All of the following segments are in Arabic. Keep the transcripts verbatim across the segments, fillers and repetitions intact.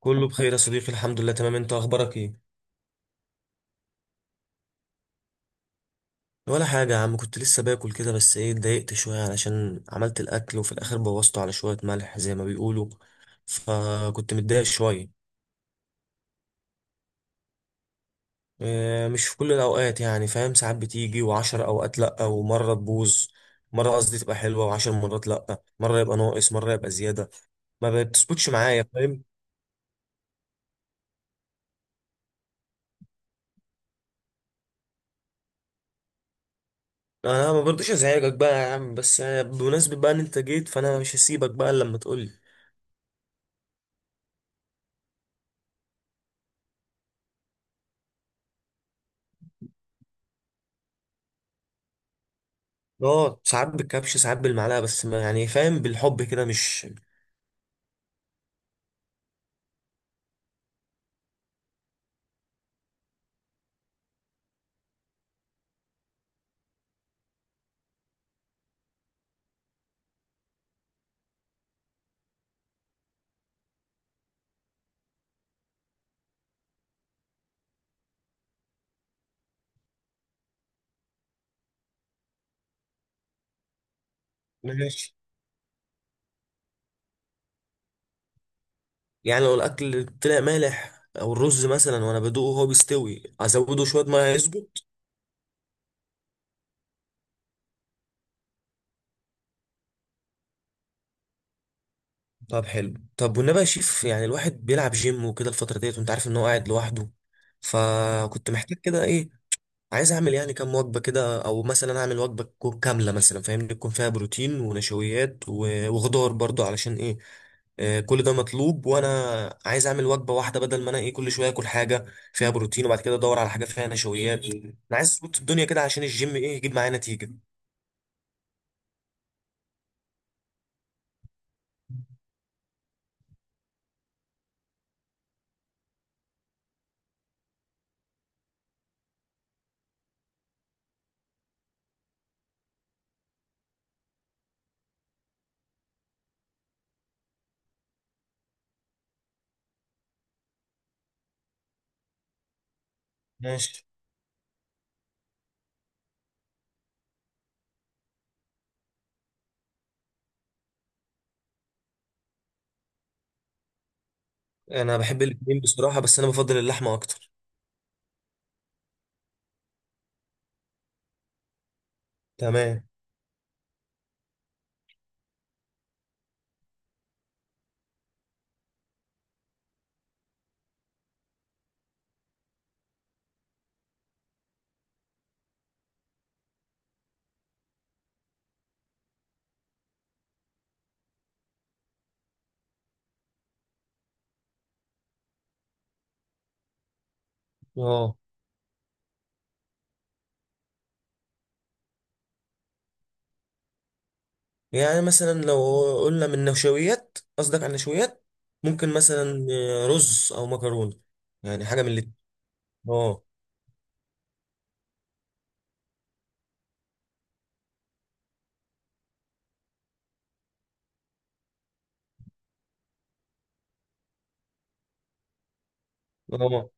كله بخير يا صديقي الحمد لله تمام انت اخبارك ايه ولا حاجه يا عم، كنت لسه باكل كده، بس ايه اتضايقت شويه علشان عملت الاكل وفي الاخر بوظته على شويه ملح زي ما بيقولوا. فكنت متضايق شويه. اه، مش في كل الاوقات يعني، فاهم، ساعات بتيجي وعشر اوقات لا ومره تبوظ. مره، قصدي تبقى حلوه وعشر مرات لا، مره يبقى ناقص مره يبقى زياده. ما بتظبطش معايا، فاهم. انا ما برضوش ازعجك بقى يا عم، بس اه، بمناسبه بقى ان انت جيت فانا مش هسيبك بقى إلا لما تقولي. اه، ساعات بالكبش ساعات بالمعلقه، بس ما يعني، فاهم، بالحب كده مش. ماشي. يعني لو الاكل طلع مالح او الرز مثلا وانا بدوقه وهو بيستوي، ازوده شويه ميه يظبط؟ طب حلو، طب والنبي يا شيف، يعني الواحد بيلعب جيم وكده الفتره ديت، وانت عارف ان هو قاعد لوحده. فكنت محتاج كده ايه. عايز اعمل يعني كام وجبه كده، او مثلا اعمل وجبه تكون كامله مثلا، فاهمني، تكون فيها بروتين ونشويات و- وخضار برضو، علشان ايه؟ آه، كل ده مطلوب، وانا عايز اعمل وجبه واحده بدل ما انا ايه كل شويه اكل حاجه فيها بروتين، وبعد كده ادور على حاجه فيها نشويات. انا عايز اظبط الدنيا كده عشان الجيم ايه يجيب معايا نتيجه. ماشي. انا بحب الاثنين بصراحه، بس انا بفضل اللحمه اكتر. تمام. اه. يعني مثلا لو قلنا من نشويات، قصدك على النشويات؟ ممكن مثلا آه، رز او مكرونه. يعني حاجه من الاتنين. اه. اه.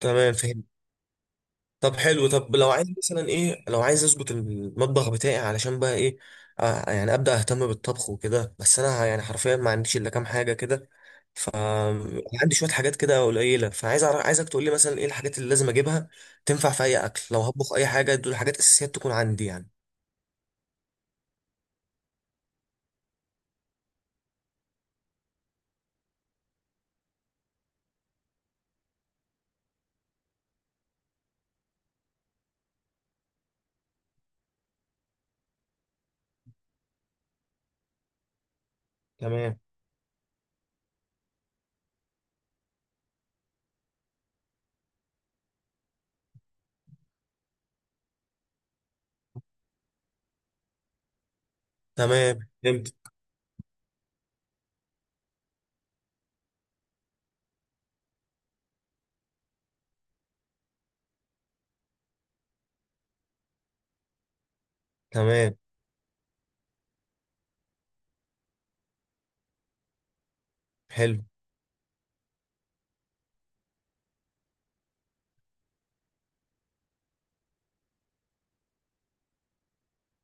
تمام، فهمت. طب حلو، طب لو عايز مثلا ايه، لو عايز اظبط المطبخ بتاعي علشان بقى ايه؟ آه يعني ابدا اهتم بالطبخ وكده، بس انا يعني حرفيا ما عنديش الا كام حاجه كده. ف عندي شويه حاجات كده قليله، فعايز أعرف- عايزك تقول لي مثلا ايه الحاجات اللي لازم اجيبها، تنفع في اي اكل لو هطبخ اي حاجه. دول حاجات اساسيات تكون عندي يعني. تمام. تمام، فهمت. تمام، حلو.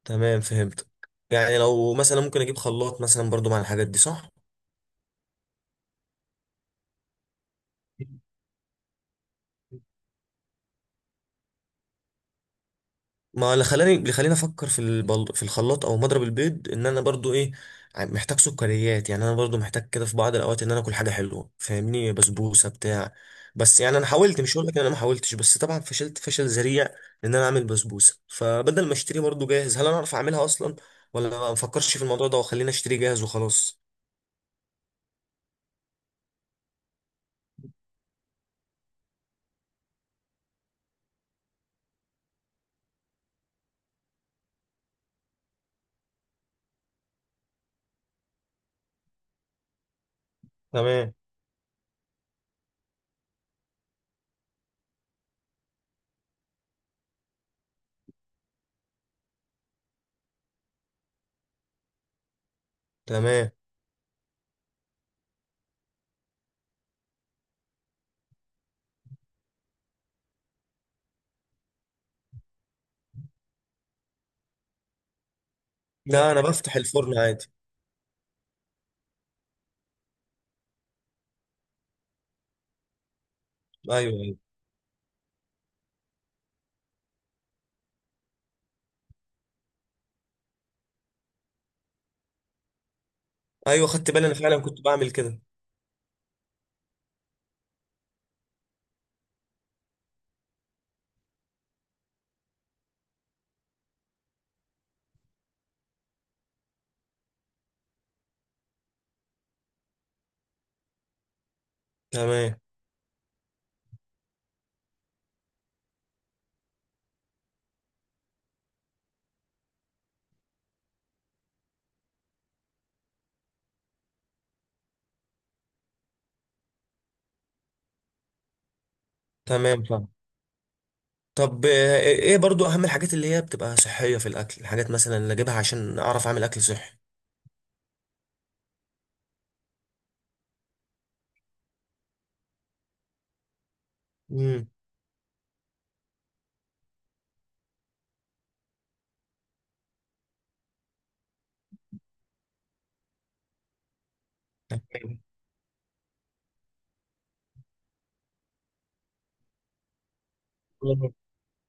تمام، فهمتك. يعني لو مثلا ممكن اجيب خلاط مثلا برضو مع الحاجات دي، صح؟ ما اللي خلاني اللي خلاني افكر في البل... في الخلاط او مضرب البيض، ان انا برضو ايه، ع- محتاج سكريات. يعني انا برضو محتاج كده في بعض الاوقات ان انا اكل حاجه حلوه، فاهمني، بسبوسه بتاع. بس يعني انا حاولت، مش هقول لك ان انا ما حاولتش، بس طبعا فشلت فشل ذريع ان انا اعمل بسبوسه. فبدل ما اشتري برضو جاهز، هل انا اعرف اعملها اصلا، ولا ما بفكرش في الموضوع ده وخليني اشتري جاهز وخلاص؟ تمام. تمام. لا، انا بفتح الفرن عادي. ايوه، ايوه. ايوه، خدت بالي، انا فعلا كنت بعمل كده. تمام. تمام، فاهم. طب آه، ايه برضو اهم الحاجات اللي هي بتبقى صحيه في الاكل، الحاجات مثلا اللي اجيبها عشان اعرف اعمل اكل صحي؟ امم.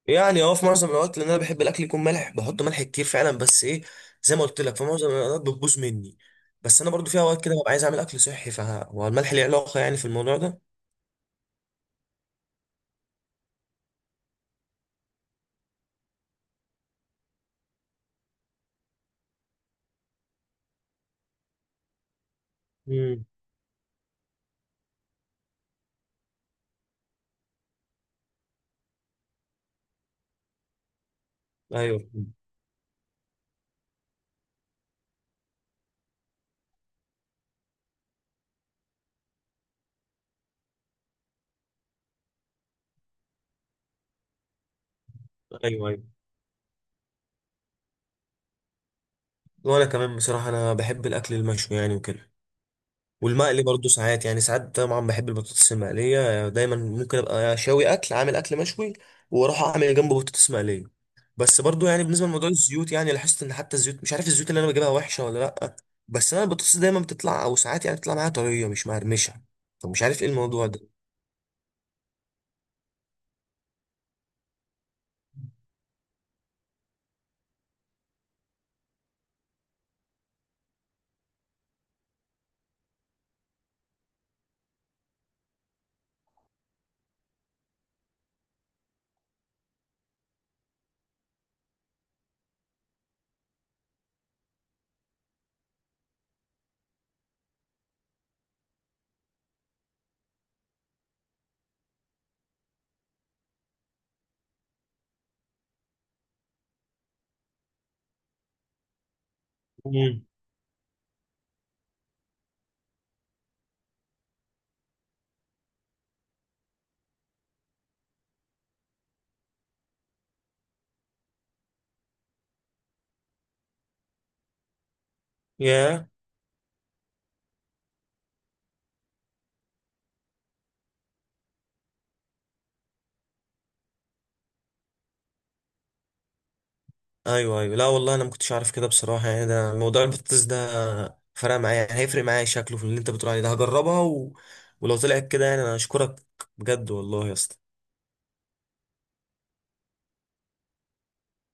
يعني اه في معظم الاوقات، لان انا بحب الاكل يكون ملح، بحط ملح كتير فعلا. بس ايه، زي ما قلت لك في معظم الاوقات بتبوظ مني. بس انا برضو في اوقات كده ببقى عايز اعمل اكل صحي، فهو الملح ليه علاقه يعني في الموضوع ده؟ امم. ايوه، ايوه، ايوه. وانا كمان بصراحه، انا بحب الاكل المشوي يعني وكده، والمقلي برضه ساعات، يعني ساعات طبعا بحب البطاطس المقلية، دايما ممكن ابقى شاوي اكل، عامل اكل مشوي، واروح اعمل جنبه بطاطس مقلية. بس برضه يعني بالنسبة لموضوع الزيوت، يعني لاحظت ان حتى الزيوت، مش عارف الزيوت اللي انا بجيبها وحشة ولا لا. بس انا البطاطس دايما بتطلع، او ساعات يعني بتطلع معايا طرية مش مقرمشة، فمش عارف ايه الموضوع ده. امم. يا ايوه، ايوه، لا والله، انا ما كنتش عارف كده بصراحة، يعني ده موضوع البطاطس ده فرق معايا، يعني هيفرق معايا شكله في اللي انت بتقول عليه ده. هجربها، و... ولو طلعت كده يعني، انا اشكرك بجد والله يا اسطى.